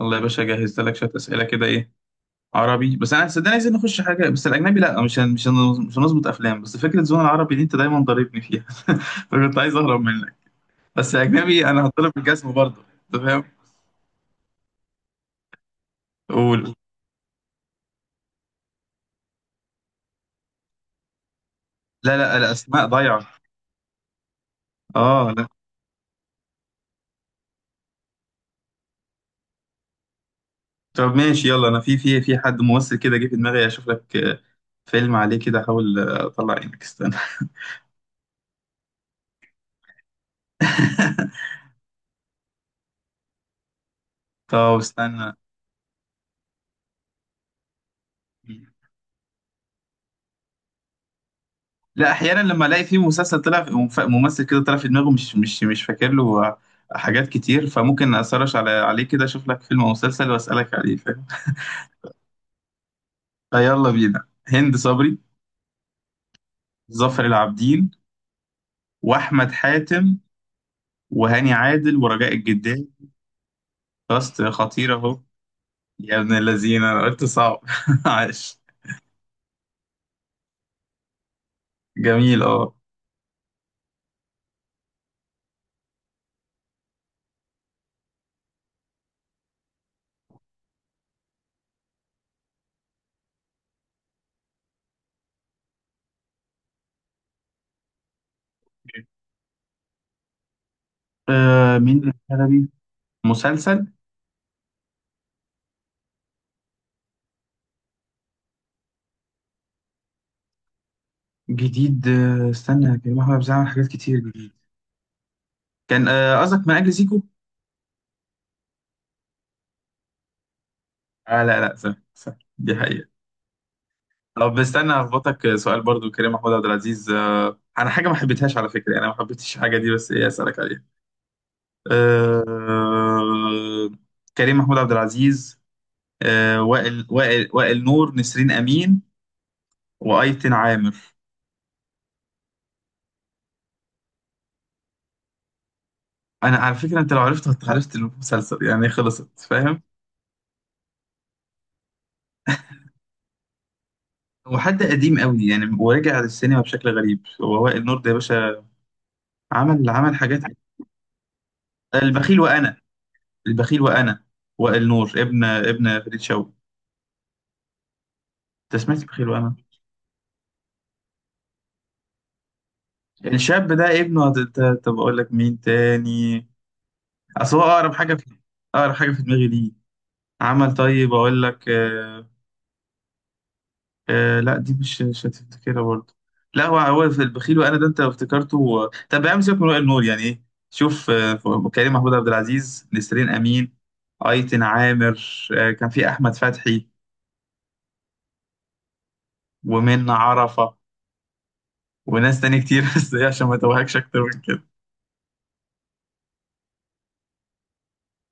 الله يا باشا، جهزت لك شويه اسئله كده. ايه عربي بس، انا صدقني عايزين نخش حاجه، بس الاجنبي لا، مش هنظبط افلام. بس فكره زون العربي دي انت دايما ضاربني فيها. فكنت عايز اهرب منك، بس اجنبي انا هضرب الجزم برضه. انت فاهم؟ قول. لا لا، الاسماء ضايعه. اه لا. طب ماشي يلا، انا في حد ممثل كده جه في دماغي اشوف لك. فيلم عليه كده احاول. اطلع عينك استنى. طب استنى. لا احيانا لما الاقي في مسلسل طلع ممثل كده طلع في دماغه، مش فاكر له حاجات كتير، فممكن اسرش على عليه كده اشوف لك فيلم او مسلسل واسالك عليه، فاهم؟ فيلا بينا. هند صبري، ظافر العابدين، واحمد حاتم، وهاني عادل ورجاء الجدال. كاست خطير اهو. يا ابن الذين، انا قلت صعب. عاش. جميل اه. مين؟ الحلبي. مسلسل جديد. استنى يا جماعة، هو بيعمل حاجات كتير جديد. كان، قصدك من اجل زيكو. آه لا لا، سهل سهل دي حقيقة. طب استنى هخبطك سؤال برضو. كريم محمود عبد العزيز، أنا حاجة ما حبيتهاش على فكرة، يعني أنا ما حبيتش الحاجة دي، بس إيه أسألك عليها. آه، كريم محمود عبد العزيز، وائل نور، نسرين أمين، وأيتن عامر. أنا على فكرة، أنت لو عرفت عرفت المسلسل يعني خلصت، فاهم؟ وحد قديم قوي يعني، ورجع للسينما بشكل غريب، هو وائل نور ده يا باشا. عمل حاجات. البخيل وأنا. البخيل وأنا. وائل نور ابن فريد شوقي. أنت سمعت البخيل وأنا؟ يعني الشاب ده ابنه. طب أقول لك مين تاني. أصل هو أقرب حاجة في، أقرب حاجة في دماغي ليه. عمل. طيب أقول لك آه. آه لا، دي مش هتفتكرها برضه. لا، هو هو في البخيل وأنا ده، أنت افتكرته. طب يا عم سيبك من وائل نور يعني. إيه، شوف. كريم محمود عبد العزيز، نسرين أمين، أيتن عامر، آه كان في أحمد فتحي، ومنة عرفة، وناس تاني كتير. بس إيه، عشان ما توهكش أكتر من كده.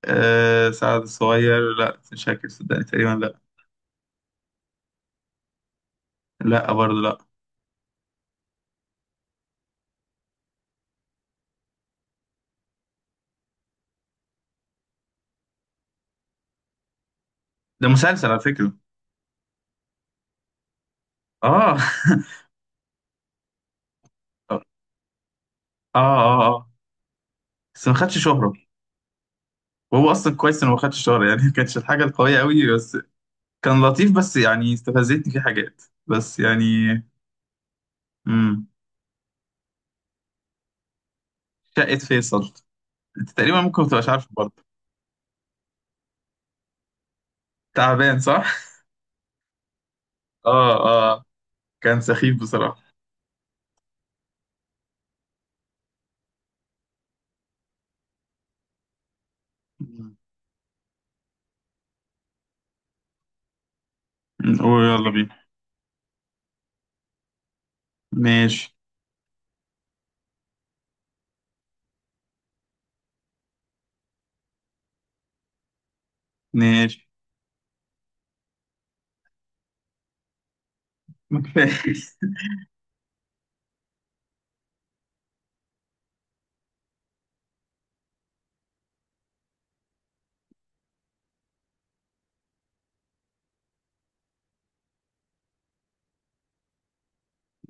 آه سعد الصغير، لا مش فاكر صدقني، تقريبا لا. لا برضه لا. ده مسلسل على فكرة. اه. اه اه اه، بس ما خدش شهرة. وهو اصلا كويس انه ما خدش شهرة يعني. ما كانتش الحاجة القوية قوي، بس كان لطيف، بس يعني استفزتني فيه حاجات بس يعني. امم. شقة فيصل. انت تقريبا ممكن ما تبقاش عارفه برضه. تعبان صح؟ اه. اه، كان سخيف بصراحة. مم. ويلا بينا. ماشي. ماشي ما كفاية.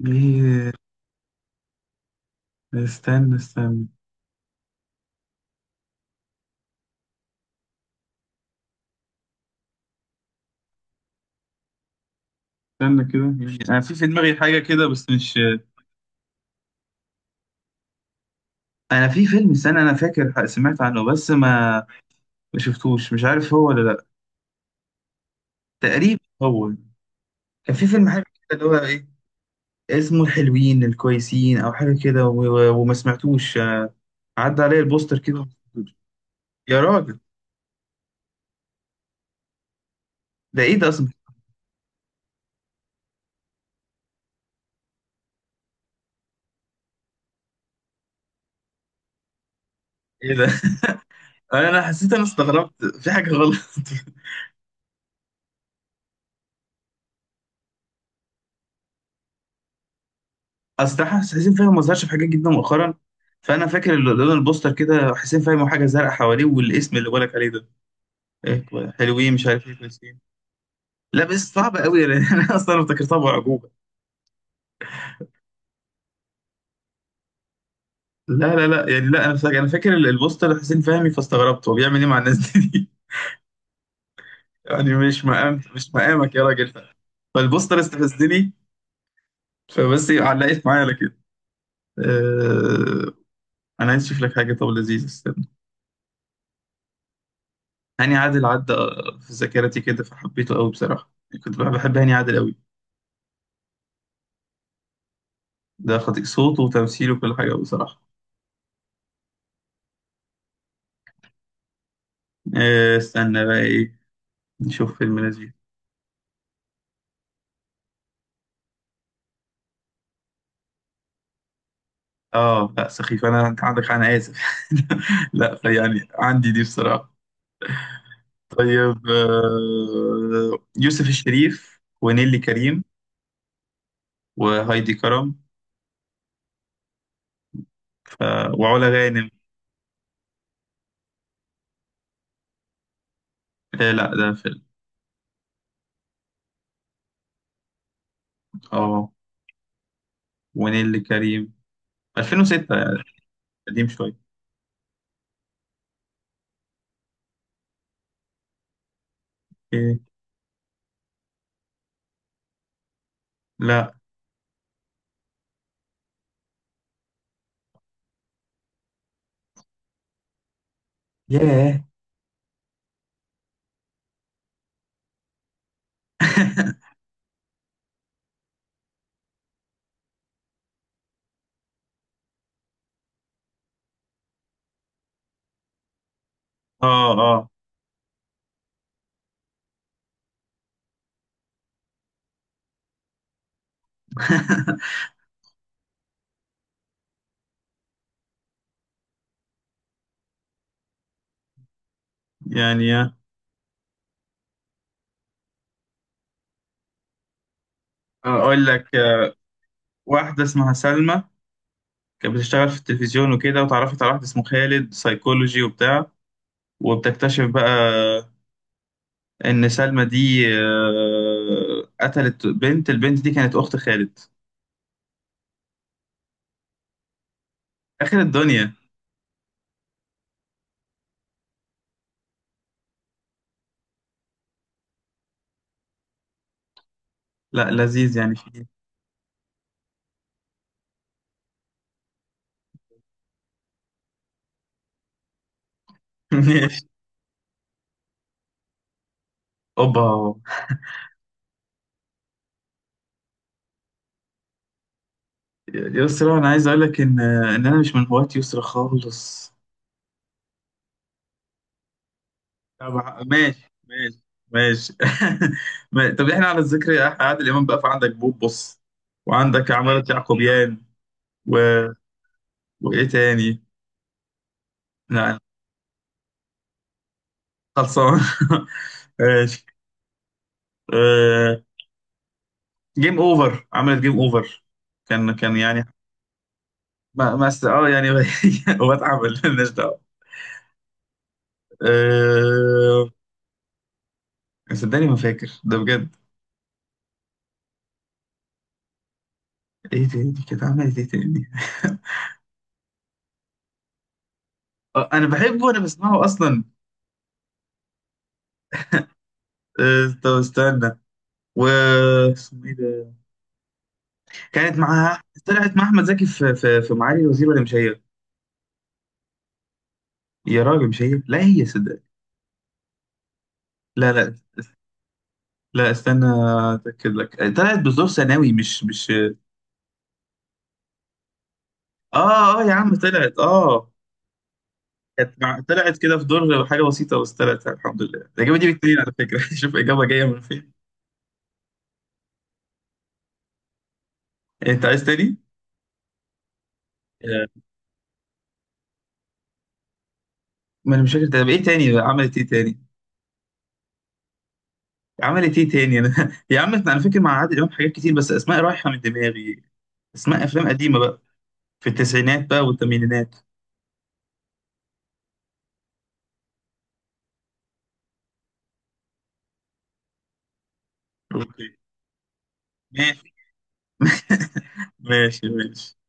ايه، استنى، استنى كده، يعني انا في في دماغي حاجه كده بس مش. انا في فيلم، استنى انا فاكر، سمعت عنه بس ما ما شفتوش، مش عارف هو ولا لا. تقريبا هو. كان في فيلم حاجه كده، اللي هو ايه اسمه، الحلوين الكويسين او حاجه كده، وما سمعتوش، عدى عليا البوستر كده وما سمعتوش. يا راجل ده ايه ده اصلا؟ ايه ده؟ أنا حسيت، انا استغربت في حاجه غلط. اصل ده حسين فاهم ما ظهرش في حاجات جدا مؤخرا، فانا فاكر اللي لون البوستر كده حسين فاهم حاجه زرقاء حواليه، والاسم اللي بقولك عليه ده إيه، حلوين مش عارف ايه، كويسين. لا بس صعب قوي يعني. انا اصلا افتكرتها بعجوبه. لا يعني، لا انا فاكر، انا فاكر البوستر حسين فهمي، فاستغربت هو بيعمل ايه مع الناس دي. يعني مش مقامك يا راجل، فالبوستر استفزني، فبس علقت معايا على كده. أه... انا عايز اشوف لك حاجه طب لذيذه، استنى. هاني عادل عدى في ذاكرتي كده، فحبيته قوي بصراحه. كنت بحب هاني عادل قوي. ده خطيء، صوته وتمثيله وكل حاجه بصراحه. استنى بقى ايه، نشوف فيلم لذيذ. اه لا سخيف انا، انت عندك حق، انا اسف. لا فيعني عندي دي بصراحه. طيب، يوسف الشريف ونيلي كريم، وهايدي كرم، ف... وعلا غانم. آه لا ده فيلم. اه، ونيلي كريم، 2006 يعني قديم شويه. إيه لا. ياه. اه اه. يعني، اقول لك، واحده اسمها سلمى، كانت بتشتغل في التلفزيون وكده، وتعرفت على واحد اسمه خالد سايكولوجي وبتاع، وبتكتشف بقى ان سلمى دي، قتلت بنت. البنت دي كانت اخت خالد. اخر الدنيا. لا لذيذ يعني في. ماشي. اوبا. يسرا، انا عايز اقول لك ان انا مش من هواة يسرا خالص. طبعا، ماشي ماشي ماشي. طب احنا على الذكر، احنا عادل امام بقى، فعندك بوبس، وعندك عمارة يعقوبيان، و... وايه تاني. لا خلصان. ماشي. آه، جيم اوفر، عملت جيم اوفر. كان كان يعني، ما ما است... اه يعني. واتعب مالناش دعوه. أه... صدقني ما فاكر ده بجد. ايه تاني كانت؟ عملت ايه تاني؟ انا بحبه وانا بسمعه اصلا. طب استنى، و اسمه ايه ده. كانت معاها طلعت مع احمد زكي في معالي الوزير، ولا مش هي؟ يا راجل مش هي، لا هي صدقني. لا لا، لا استنى اتاكد لك. طلعت بظروف ثانوي، مش. اه اه يا عم طلعت اه. كانت مع... طلعت كده في دور حاجة بسيطة، بس طلعت الحمد لله. الإجابة دي بكتير على فكرة. شوف إجابة جاية من فين. أنت عايز تاني؟ آه. ما أنا مش فاكر، طب إيه تاني بقى؟ عملت إيه تاني؟ عملت إيه تاني أنا. يا عم أنا فاكر مع عادل إمام حاجات كتير، بس أسماء رايحة من دماغي. أسماء أفلام قديمة بقى، في التسعينات بقى والثمانينات. أوكي ماشي. ماشي ماشي.